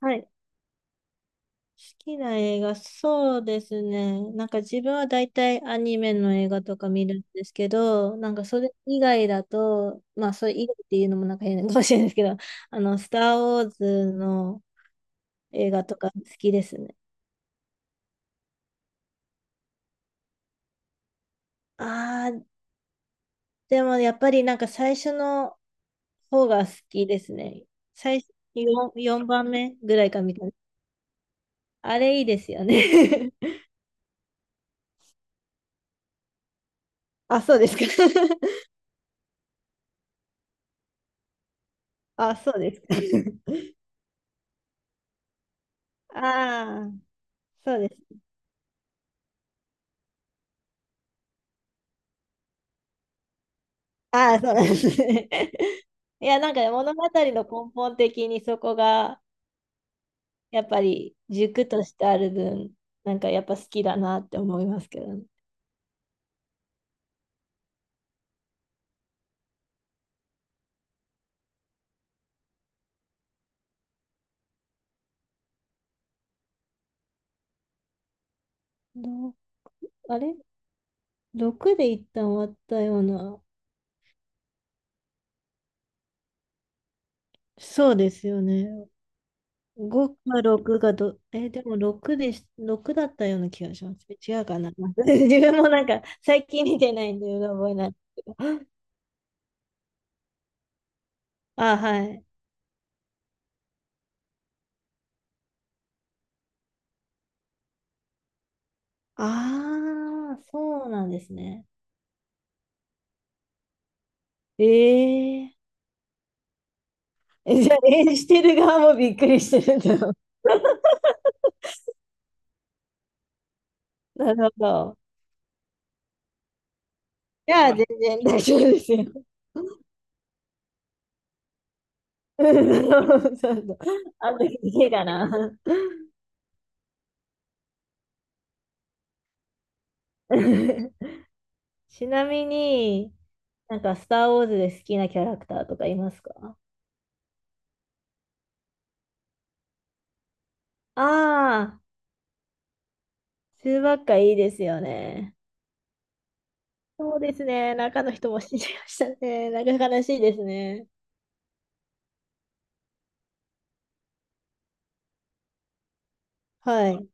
はい。好きな映画、そうですね。なんか自分は大体アニメの映画とか見るんですけど、なんかそれ以外だと、まあそれ以外っていうのもなんか変かもしれないですけど、スター・ウォーズの映画とか好きですね。ああ、でもやっぱりなんか最初の方が好きですね。最初、4、4番目ぐらいかみたいな。あれいいですよね。あ、そうですか。あ、そうですか。ああ、そうです。ああ、そうなんですね。いや、なんかね物語の根本的にそこが、やっぱり軸としてある分、なんかやっぱ好きだなって思いますけどね。どあれ ?6 で一旦終わったような。そうですよね。5か6がど、え、でも6でし、ろくだったような気がします。違うかな。自分もなんか最近見てないんで、うろ覚えないんですけど。あ、はい。ああ、そうなんですね。えええ、じゃあ、演じてる側もびっくりしてるんだろう。なるほど。じゃあ、全然大丈夫ですよ。うん、なるほど、そうそう、あの時いいかな。ちなみに、なんか、スター・ウォーズで好きなキャラクターとかいますか？ああー、中ばっかいいですよね。そうですね。中の人も死んじゃいましたね。なんか悲しいですね。はい。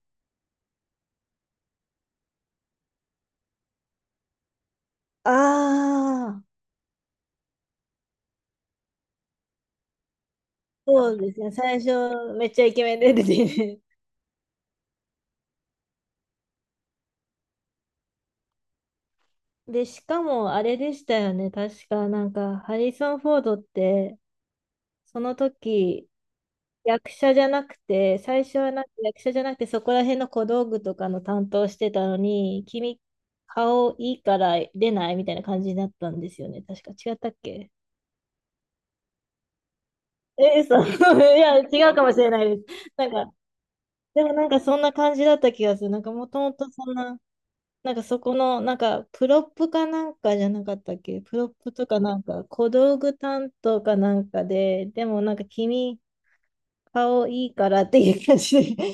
ああ、そうですね。最初、めっちゃイケメンで出てきて、で、しかもあれでしたよね。確かなんか、ハリソン・フォードって、その時、役者じゃなくて、最初はなんか役者じゃなくて、そこら辺の小道具とかの担当してたのに、君、顔いいから出ないみたいな感じになったんですよね。確か違ったっけ？え、いや、違うかもしれないです。なんか、でもなんかそんな感じだった気がする。なんかもともとそんな、なんかそこの、なんかプロップかなんかじゃなかったっけ？プロップとかなんか小道具担当かなんかで、でもなんか君顔いいからっていう感じで、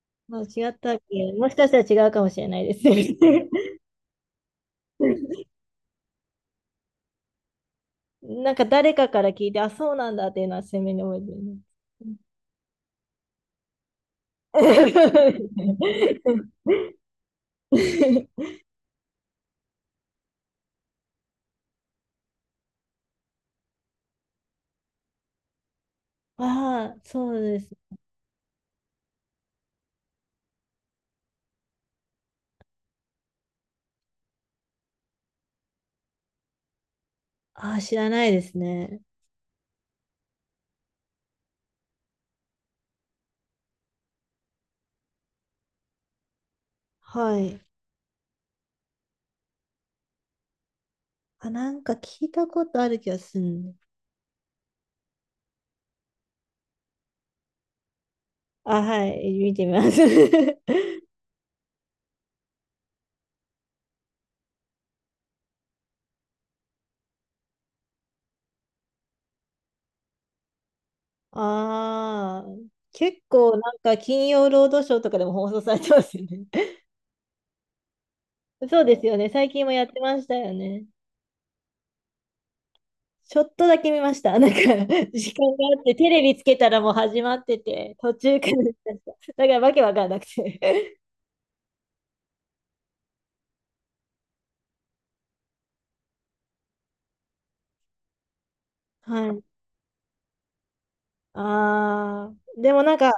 もう違ったっけ？もしかしたら違うかもしれないですね。なんか誰かから聞いて、あ、そうなんだっていうのは鮮明に覚えてるね。ああ、そうです。ああ、知らないですね。はい。あ、なんか聞いたことある気がする。あ、はい、見てみます。ああ、結構なんか金曜ロードショーとかでも放送されてますよね。そうですよね。最近もやってましたよね。ちょっとだけ見ました。なんか、時間があって、テレビつけたらもう始まってて、途中から見ました。だからわけわかんなくて。はい。ああ、でもなんか、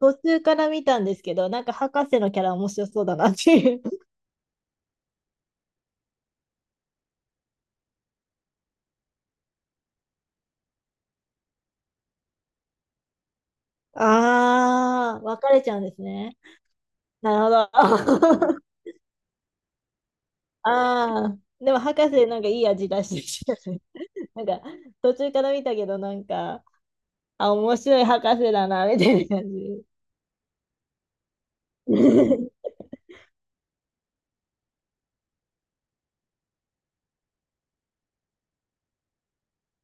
途中から見たんですけど、なんか博士のキャラ面白そうだなっていう。ああ、分かれちゃうんですね。なるほど。ああ、でも博士なんかいい味出してきてたね。 なんか途中から見たけどなんか、あ、面白い博士だな、みたいな感じ。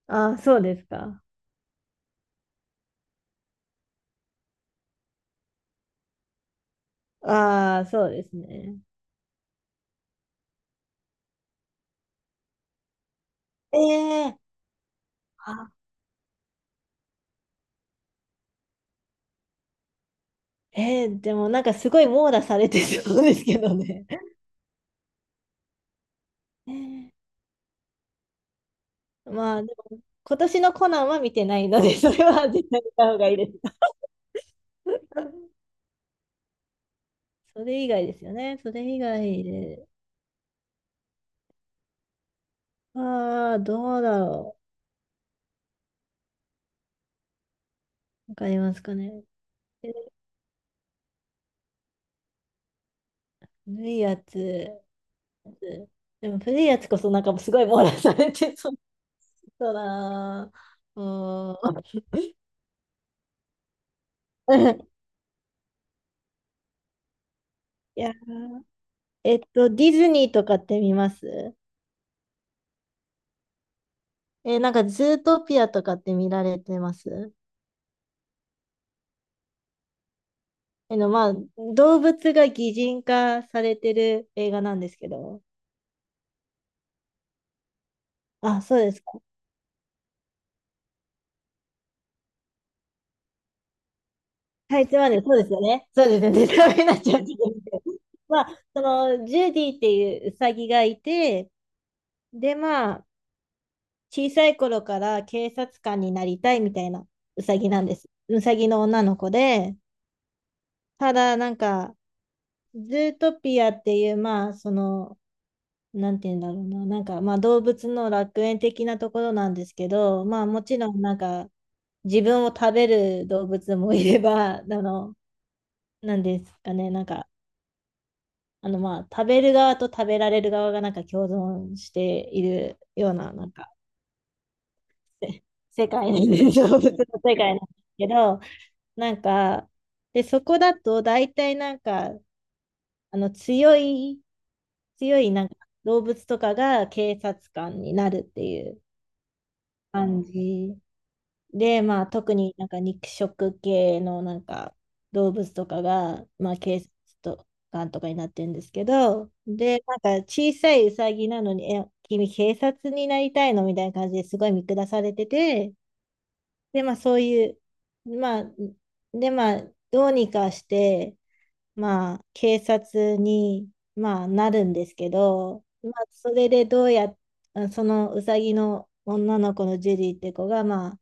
ああ、そうですか。ああ、そうですね。ええあ、でもなんかすごい網羅されてそうですけどね。ええ、まあでも、今年のコナンは見てないので、それは絶対見た方がいいです。それ以外ですよね。それ以外で。ああ、どうだろう。わかりますかね。え古いやつ。でも古いやつこそなんかすごい網羅されてそうだな。うーん。いや、ディズニーとかって見ます？なんかズートピアとかって見られてます？まあ、動物が擬人化されてる映画なんですけど。あ、そうですか。はい、つまんでそうですよね。そうですよね。ネタバレになっちゃうんですけど、まあ、その、ジュディっていうウサギがいて、で、まあ、小さい頃から警察官になりたいみたいなうさぎなんです。うさぎの女の子で、ただなんか、ズートピアっていう、まあ、その、なんて言うんだろうな、なんか、まあ、動物の楽園的なところなんですけど、まあ、もちろん、なんか、自分を食べる動物もいれば、あの、なんですかね、なんか、あの、まあ、食べる側と食べられる側が、なんか、共存しているような、なんか、せ世界なんです、動物の世界なんですけど、なんか、で、そこだと大体なんか、あの強いなんか動物とかが警察官になるっていう感じで、まあ特になんか肉食系のなんか動物とかが、まあ警察と官とかになってるんですけど、で、なんか小さいウサギなのに、え、君警察になりたいのみたいな感じですごい見下されてて、で、まあそういう、まあ、で、まあどうにかして、まあ、警察に、まあ、なるんですけど、まあ、それでどうやっ、あそのうさぎの女の子のジュリーって子が、まあ、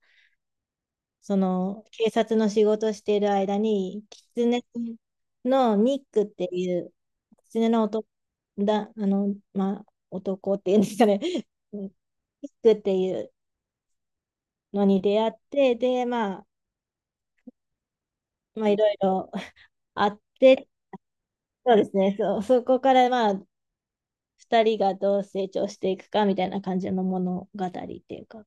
その警察の仕事している間に、狐のニックっていう、狐の男だ、あの、まあ、男っていうんですかね、ニックっていうのに出会って、で、まあ、いろいろあって、そうですね、そう、そこから、まあ、2人がどう成長していくかみたいな感じの物語っていうか。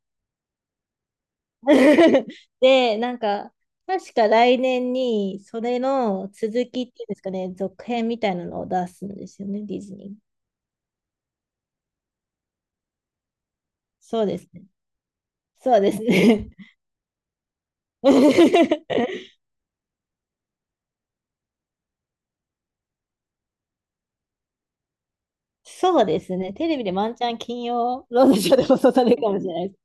で、なんか、確か来年にそれの続きっていうんですかね、続編みたいなのを出すんですよね、ディズニー。そうですね。そうですね。 そうですね。テレビでワンチャン金曜ロードショーで放送されるかもしれない